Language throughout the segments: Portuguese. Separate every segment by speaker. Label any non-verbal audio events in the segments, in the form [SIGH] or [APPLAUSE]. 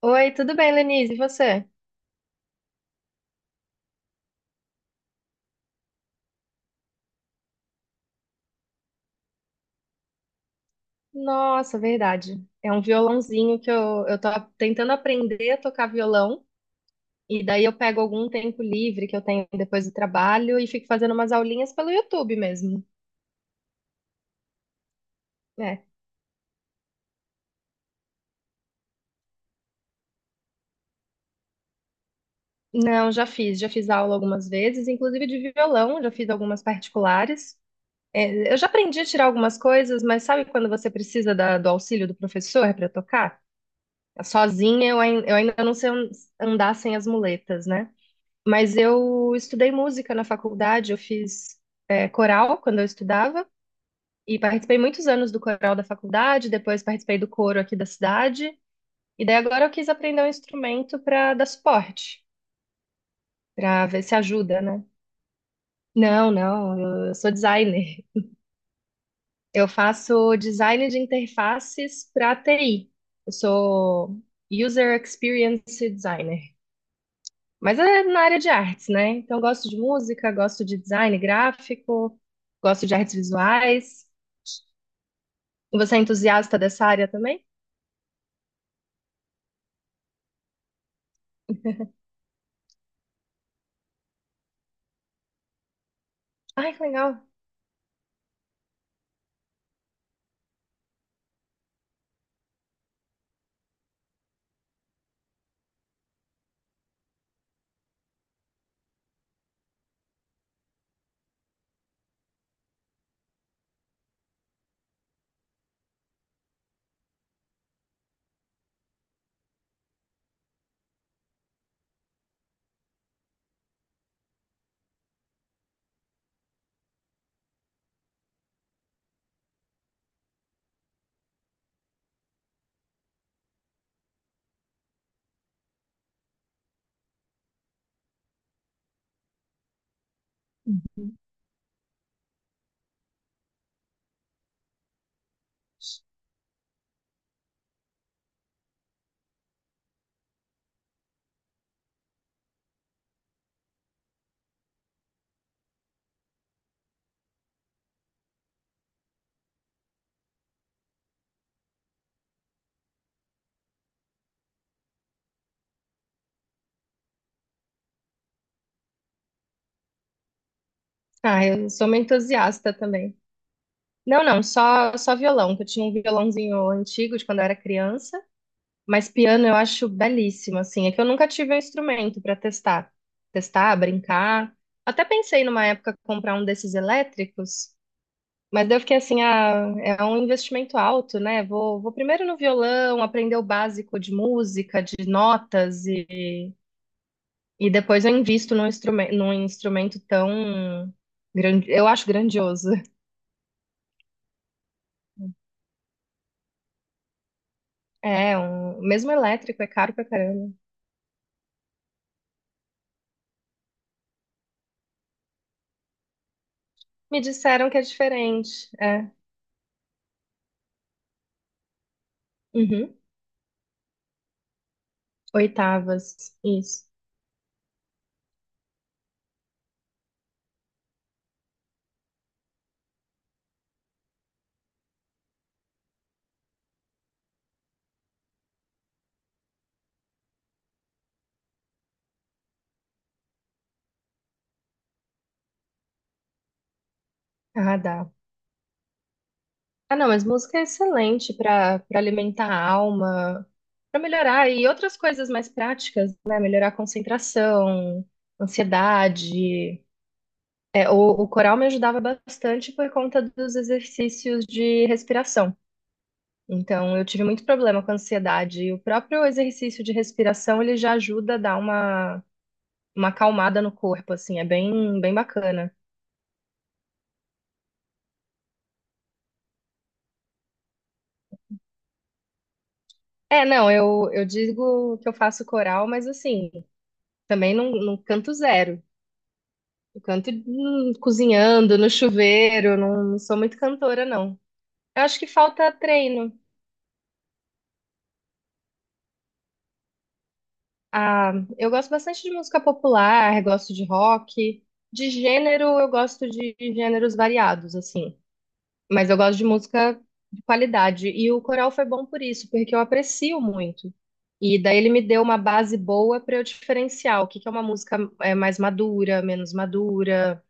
Speaker 1: Oi, tudo bem, Lenise? E você? Nossa, verdade. É um violãozinho que eu tô tentando aprender a tocar violão. E daí eu pego algum tempo livre que eu tenho depois do trabalho e fico fazendo umas aulinhas pelo YouTube mesmo. É. Não, já fiz. Já fiz aula algumas vezes, inclusive de violão, já fiz algumas particulares. É, eu já aprendi a tirar algumas coisas, mas sabe quando você precisa do auxílio do professor para tocar? Sozinha eu ainda não sei andar sem as muletas, né? Mas eu estudei música na faculdade, eu fiz coral quando eu estudava e participei muitos anos do coral da faculdade, depois participei do coro aqui da cidade, e daí agora eu quis aprender um instrumento para dar suporte, para ver se ajuda, né? Não, não, eu sou designer. Eu faço design de interfaces para TI. Eu sou User Experience Designer. Mas é na área de artes, né? Então, eu gosto de música, gosto de design gráfico, gosto de artes visuais. E você é entusiasta dessa área também? Ai, que legal. Uhum. Ah, eu sou uma entusiasta também. Não, só violão, que eu tinha um violãozinho antigo de quando eu era criança, mas piano eu acho belíssimo, assim. É que eu nunca tive um instrumento para testar, testar, brincar. Até pensei numa época comprar um desses elétricos. Mas daí eu fiquei assim, ah, é um investimento alto, né? Vou primeiro no violão, aprender o básico de música, de notas, e depois eu invisto num instrumento tão grande, eu acho grandioso. [LAUGHS] É, um, mesmo elétrico, é caro pra caramba. Me disseram que é diferente. É. Uhum. Oitavas, isso. Ah, dá. Ah, não, mas música é excelente para para alimentar a alma, para melhorar e outras coisas mais práticas, né? Melhorar a concentração, ansiedade. É, o, o coral me ajudava bastante por conta dos exercícios de respiração. Então, eu tive muito problema com ansiedade. E o próprio exercício de respiração, ele já ajuda a dar uma acalmada no corpo, assim, é bem, bem bacana. É, não, eu digo que eu faço coral, mas assim, também não canto zero. Eu canto cozinhando, no chuveiro, não sou muito cantora, não. Eu acho que falta treino. Ah, eu gosto bastante de música popular, gosto de rock. De gênero, eu gosto de gêneros variados, assim. Mas eu gosto de música de qualidade. E o coral foi bom por isso, porque eu aprecio muito. E daí ele me deu uma base boa para eu diferenciar o que que é uma música mais madura, menos madura.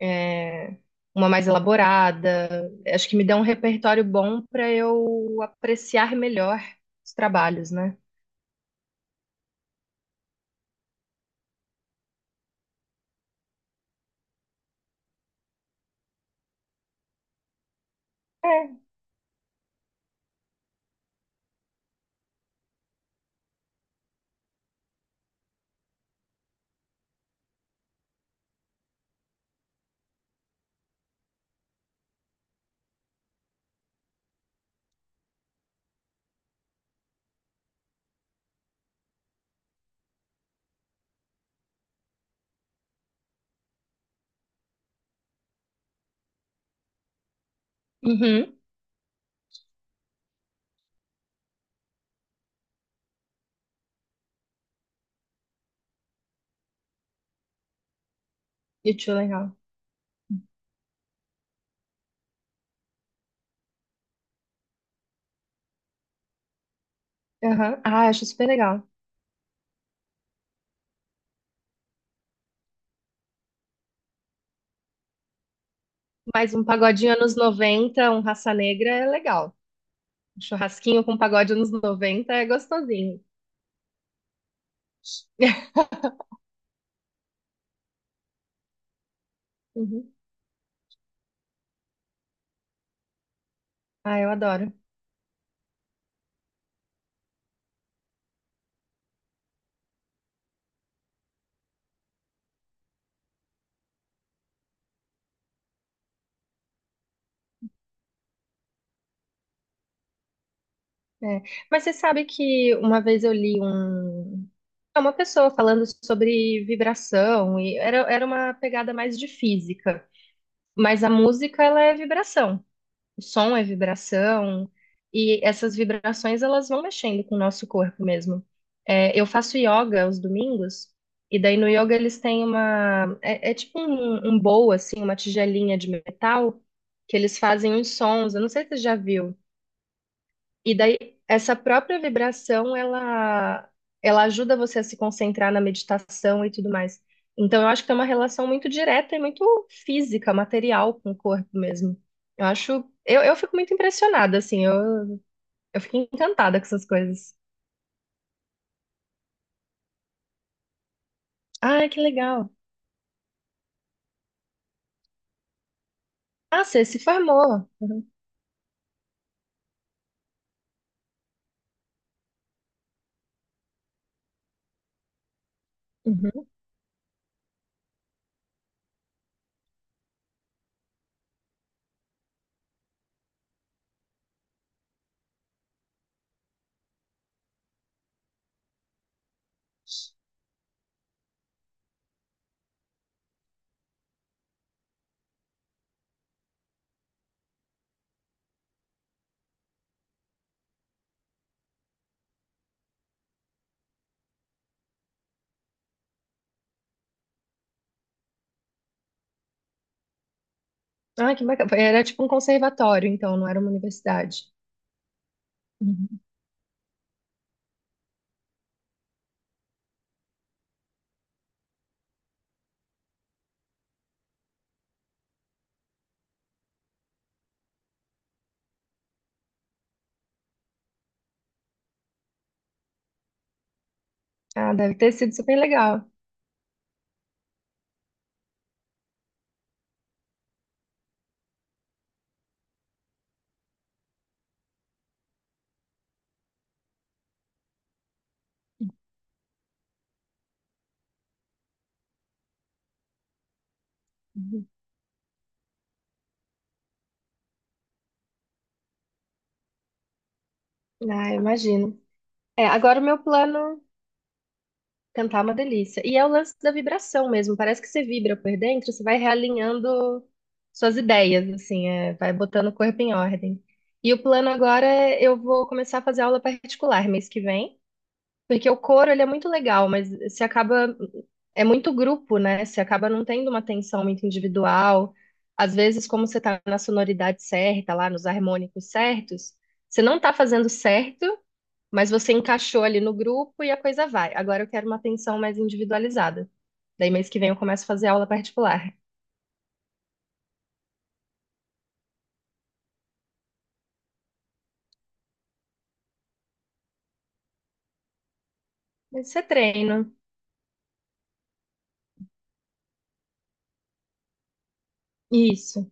Speaker 1: é, uma mais elaborada. Acho que me dá um repertório bom para eu apreciar melhor os trabalhos, né? É. Uhum. YouTube legal. Aham. Ah, acho super legal. Mas um pagodinho anos 90, um Raça Negra é legal. Um churrasquinho com pagode anos 90 é gostosinho. [LAUGHS] Uhum. Ah, eu adoro. É. Mas você sabe que uma vez eu li um. Uma pessoa falando sobre vibração, e era uma pegada mais de física. Mas a música, ela é vibração. O som é vibração. E essas vibrações, elas vão mexendo com o nosso corpo mesmo. É, eu faço yoga aos domingos. E daí no yoga eles têm uma... É, é tipo um bowl, assim, uma tigelinha de metal. Que eles fazem uns sons. Eu não sei se você já viu. E daí, essa própria vibração, ela ajuda você a se concentrar na meditação e tudo mais. Então, eu acho que tem uma relação muito direta e muito física, material com o corpo mesmo. Eu acho, eu fico muito impressionada, assim, eu fico encantada com essas coisas. Ah, que legal. Ah, você se formou. Uhum. Uhum. Ah, que bacana. Era tipo um conservatório, então, não era uma universidade. Uhum. Ah, deve ter sido super legal. Uhum. Ah, eu imagino. É, agora o meu plano. Cantar é uma delícia. E é o lance da vibração mesmo. Parece que você vibra por dentro, você vai realinhando suas ideias, assim, é, vai botando o corpo em ordem. E o plano agora é eu vou começar a fazer aula particular mês que vem, porque o coro ele é muito legal, mas se acaba é muito grupo, né? Você acaba não tendo uma atenção muito individual. Às vezes, como você tá na sonoridade certa, lá nos harmônicos certos, você não tá fazendo certo, mas você encaixou ali no grupo e a coisa vai. Agora eu quero uma atenção mais individualizada. Daí mês que vem eu começo a fazer aula particular. Mas você treina. Isso.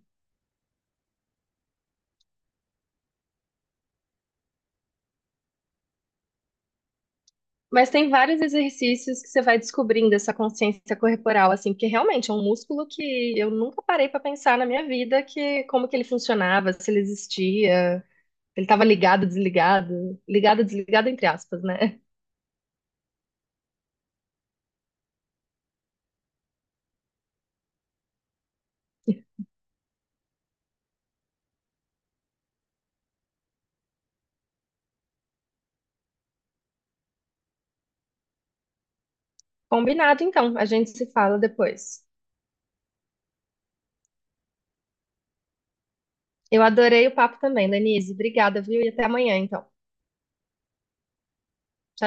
Speaker 1: Mas tem vários exercícios que você vai descobrindo essa consciência corporal, assim, porque realmente é um músculo que eu nunca parei pra pensar na minha vida que como que ele funcionava, se ele existia, se ele estava ligado, desligado entre aspas, né? [LAUGHS] Combinado, então. A gente se fala depois. Eu adorei o papo também, Denise. Obrigada, viu? E até amanhã, então.